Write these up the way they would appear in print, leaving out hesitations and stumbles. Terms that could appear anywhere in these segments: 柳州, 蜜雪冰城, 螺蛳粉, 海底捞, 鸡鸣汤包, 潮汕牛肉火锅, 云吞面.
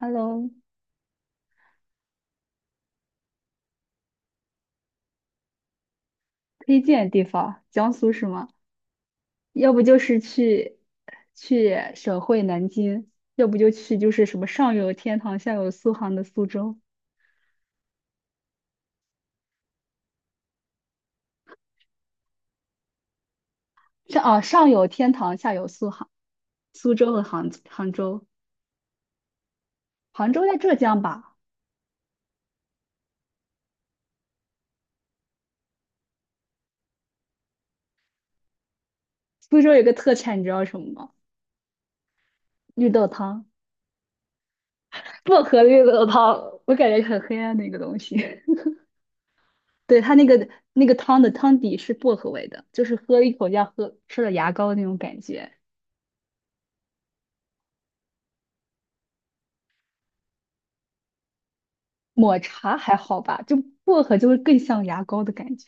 Hello，推荐地方，江苏是吗？要不就是去省会南京，要不就去就是什么上有天堂下有苏杭的苏州，上有天堂下有苏杭，苏州和杭州，杭州在浙江吧？苏州有个特产，你知道什么吗？绿豆汤，薄荷绿豆汤，我感觉很黑暗的一个东西。对，它那个汤的汤底是薄荷味的，就是喝一口像喝吃了牙膏的那种感觉。抹茶还好吧，就薄荷就会更像牙膏的感觉。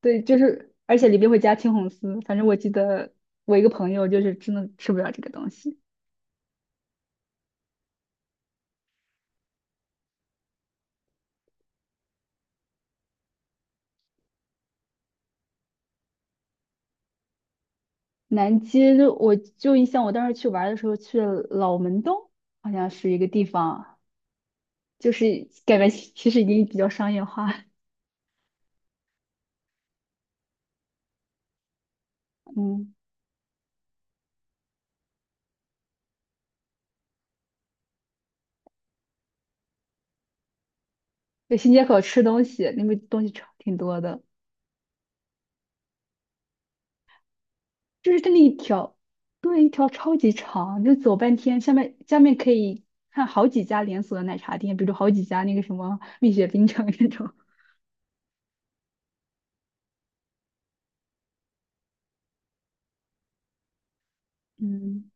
对，就是而且里边会加青红丝，反正我记得我一个朋友就是真的吃不了这个东西。南街就我就印象，我当时去玩儿的时候去了老门东，好像是一个地方，就是感觉其实已经比较商业化。嗯，在新街口吃东西，那边东西超挺多的。就是它那一条，对，一条超级长，就走半天。下面可以看好几家连锁的奶茶店，比如好几家那个什么蜜雪冰城那种 嗯，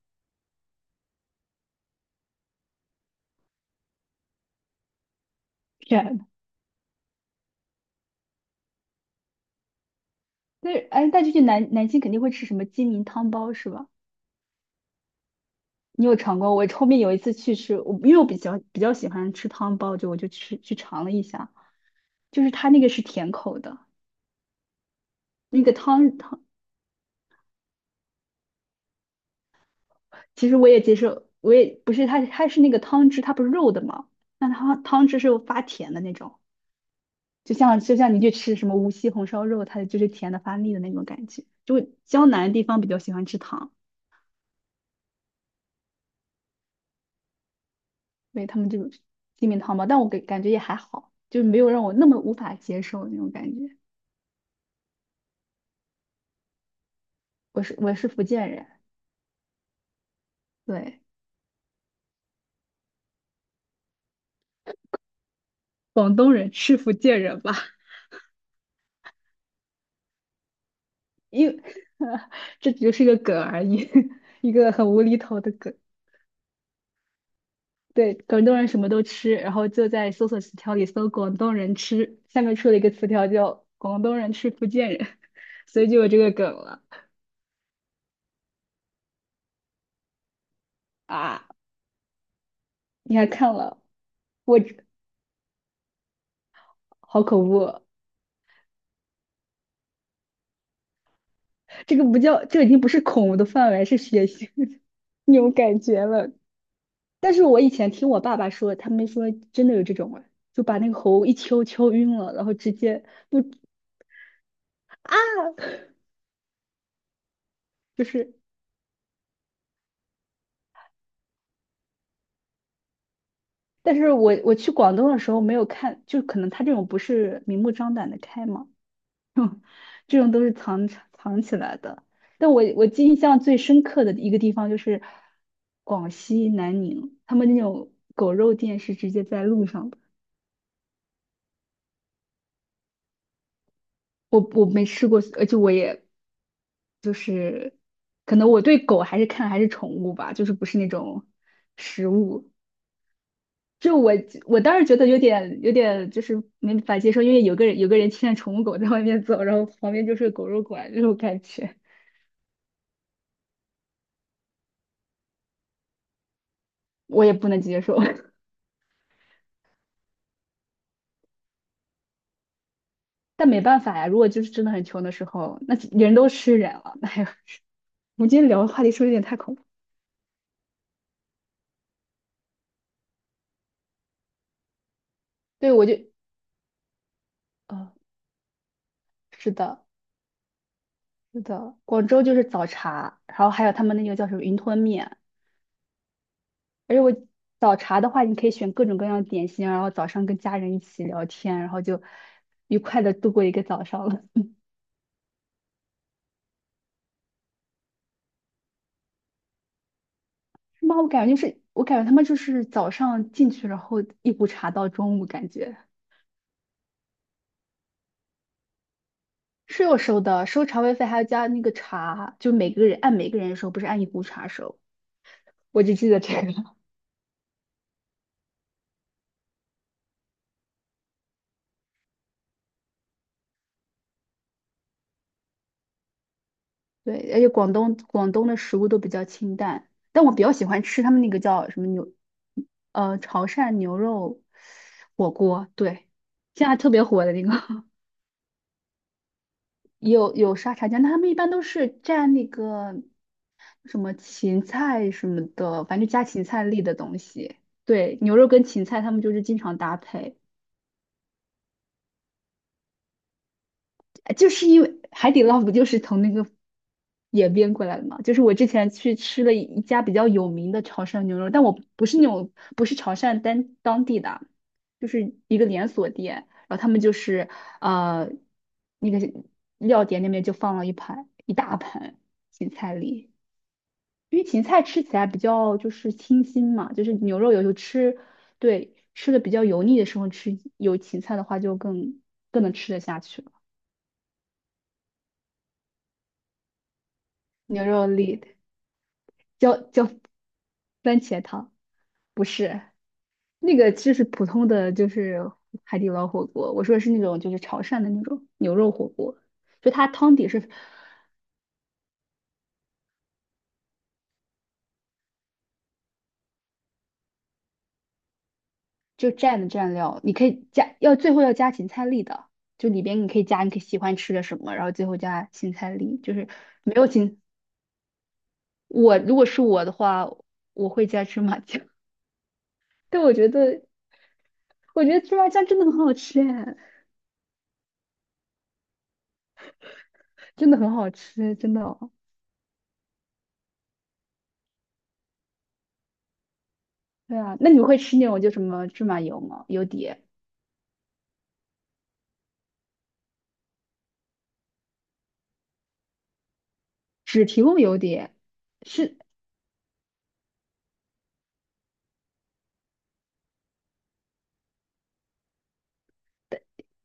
这样的。但是哎，但就去南京肯定会吃什么鸡鸣汤包是吧？你有尝过？我后面有一次去吃，我因为我比较喜欢吃汤包，就我就去尝了一下，就是它那个是甜口的，那个其实我也接受，我也不是它是那个汤汁，它不是肉的嘛，那它汤汁是发甜的那种。就像你去吃什么无锡红烧肉，它就是甜的发腻的那种感觉。就江南地方比较喜欢吃糖，对他们这种鸡米汤吧，但我感觉也还好，就没有让我那么无法接受那种感觉。我是福建人，对，广东人吃福建人吧？因为 这只就是个梗而已，一个很无厘头的梗。对，广东人什么都吃，然后就在搜索词条里搜“广东人吃”，下面出了一个词条叫“广东人吃福建人”，所以就有这个梗了。啊，你还看了？我好恐怖啊！这个不叫，这个已经不是恐怖的范围，是血腥的 那种感觉了。但是我以前听我爸爸说，他们说真的有这种人就把那个猴一敲敲晕了，然后直接不就是。但是我去广东的时候没有看，就可能他这种不是明目张胆的开嘛，这种都是藏起来的。但我印象最深刻的一个地方就是广西南宁，他们那种狗肉店是直接在路上的。我没吃过，而且我也可能我对狗还是看还是宠物吧，就是不是那种食物。就我当时觉得有点就是没法接受，因为有个人牵着宠物狗在外面走，然后旁边就是狗肉馆这种感觉，我也不能接受。但没办法呀，如果就是真的很穷的时候，那人都吃人了。哎呀，我们今天聊的话题是不是有点太恐怖？对，我就，呃，是的，是的，广州就是早茶，然后还有他们那个叫什么云吞面，而且我早茶的话，你可以选各种各样的点心，然后早上跟家人一起聊天，然后就愉快的度过一个早上了，是吗？我感觉就是，我感觉他们就是早上进去，然后一壶茶到中午，感觉。是有收的，收茶位费还要加那个茶，就每个人按每个人收，不是按一壶茶收。我只记得这个。对，而且广东的食物都比较清淡，但我比较喜欢吃他们那个叫什么牛，潮汕牛肉火锅。对，现在特别火的那个，也有沙茶酱，但他们一般都是蘸那个什么芹菜什么的，反正就加芹菜粒的东西。对，牛肉跟芹菜他们就是经常搭配。就是因为海底捞不就是从那个演变过来的嘛？就是我之前去吃了一家比较有名的潮汕牛肉，但我不是那种不是潮汕当地的，就是一个连锁店，然后他们就是呃那个料碟那边就放了一大盘芹菜粒，因为芹菜吃起来比较就是清新嘛，就是牛肉有时候吃对吃的比较油腻的时候吃有芹菜的话就更更能吃得下去了。牛肉粒，叫番茄汤，不是那个，就是普通的，就是海底捞火锅。我说的是那种，就是潮汕的那种牛肉火锅，就它汤底是就蘸的蘸料，你可以加，要最后要加芹菜粒的，就里边你可以加你可以喜欢吃的什么，然后最后加芹菜粒，就是没有芹。我如果是我的话，我会加芝麻酱，但我觉得我觉得芝麻酱真的很好吃哎，真的很好吃，真的哦。对啊，那你会吃那种就什么芝麻油吗？油碟只提供油碟，是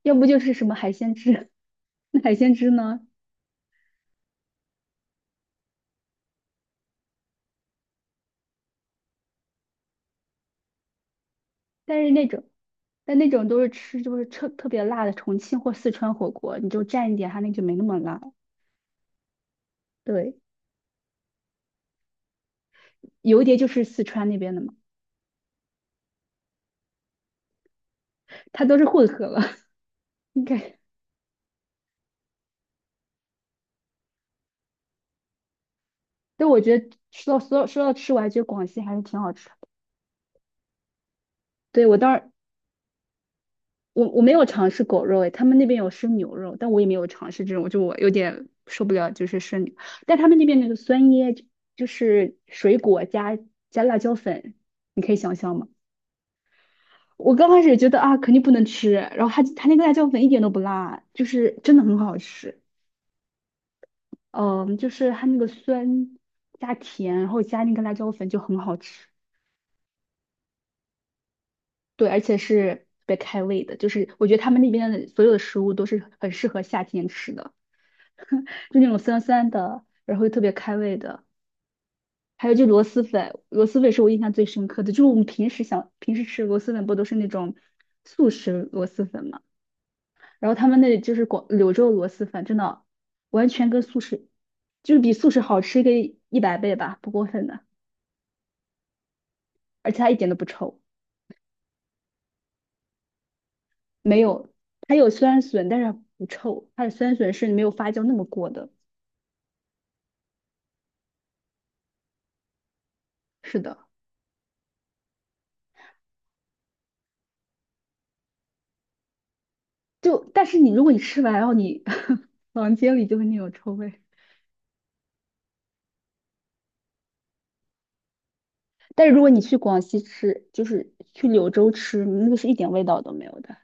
要不就是什么海鲜汁，那海鲜汁呢？但是那种，但那种都是吃就是特别辣的重庆或四川火锅，你就蘸一点，它那就没那么辣。对，油碟就是四川那边的嘛，它都是混合了，应该。但我觉得说到吃，我还觉得广西还是挺好吃的。对，我当时我没有尝试狗肉，诶，他们那边有生牛肉，但我也没有尝试这种，就我有点受不了，就是生牛但他们那边那个酸椰就水果加辣椒粉，我刚开始觉得啊肯定不能吃，然后他那个辣椒粉一点都不辣，就是真的很好吃。嗯，就是它那个酸加甜，然后加那个辣椒粉就很好吃，对，而且是特别开胃的，就是我觉得他们那边的所有的食物都是很适合夏天吃的。就那种酸酸的，然后又特别开胃的。还有就螺蛳粉，螺蛳粉是我印象最深刻的，就是我们平时平时吃螺蛳粉不都是那种速食螺蛳粉嘛？然后他们那里就是柳州螺蛳粉，真的完全跟速食就是比速食好吃个100倍吧，不过分的，而且它一点都不臭，没有，它有酸笋，但是不臭，它的酸笋是没有发酵那么过的。是的，就但是你如果你吃完，然后你 房间里就会那种臭味。但是如果你去广西吃，就是去柳州吃，那个是一点味道都没有的，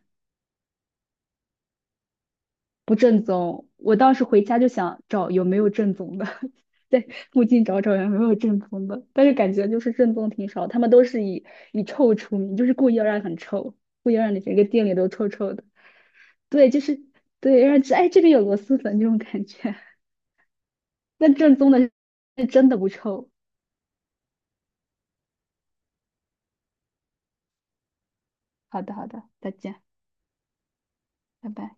不正宗。我当时回家就想找有没有正宗的，在附近找找有没有正宗的，但是感觉就是正宗挺少，他们都是以臭出名，就是故意要让很臭，故意要让你整个店里都臭臭的。对，就是对，让哎这边有螺蛳粉这种感觉。那正宗的是真的不臭。好的，好的，再见，拜拜。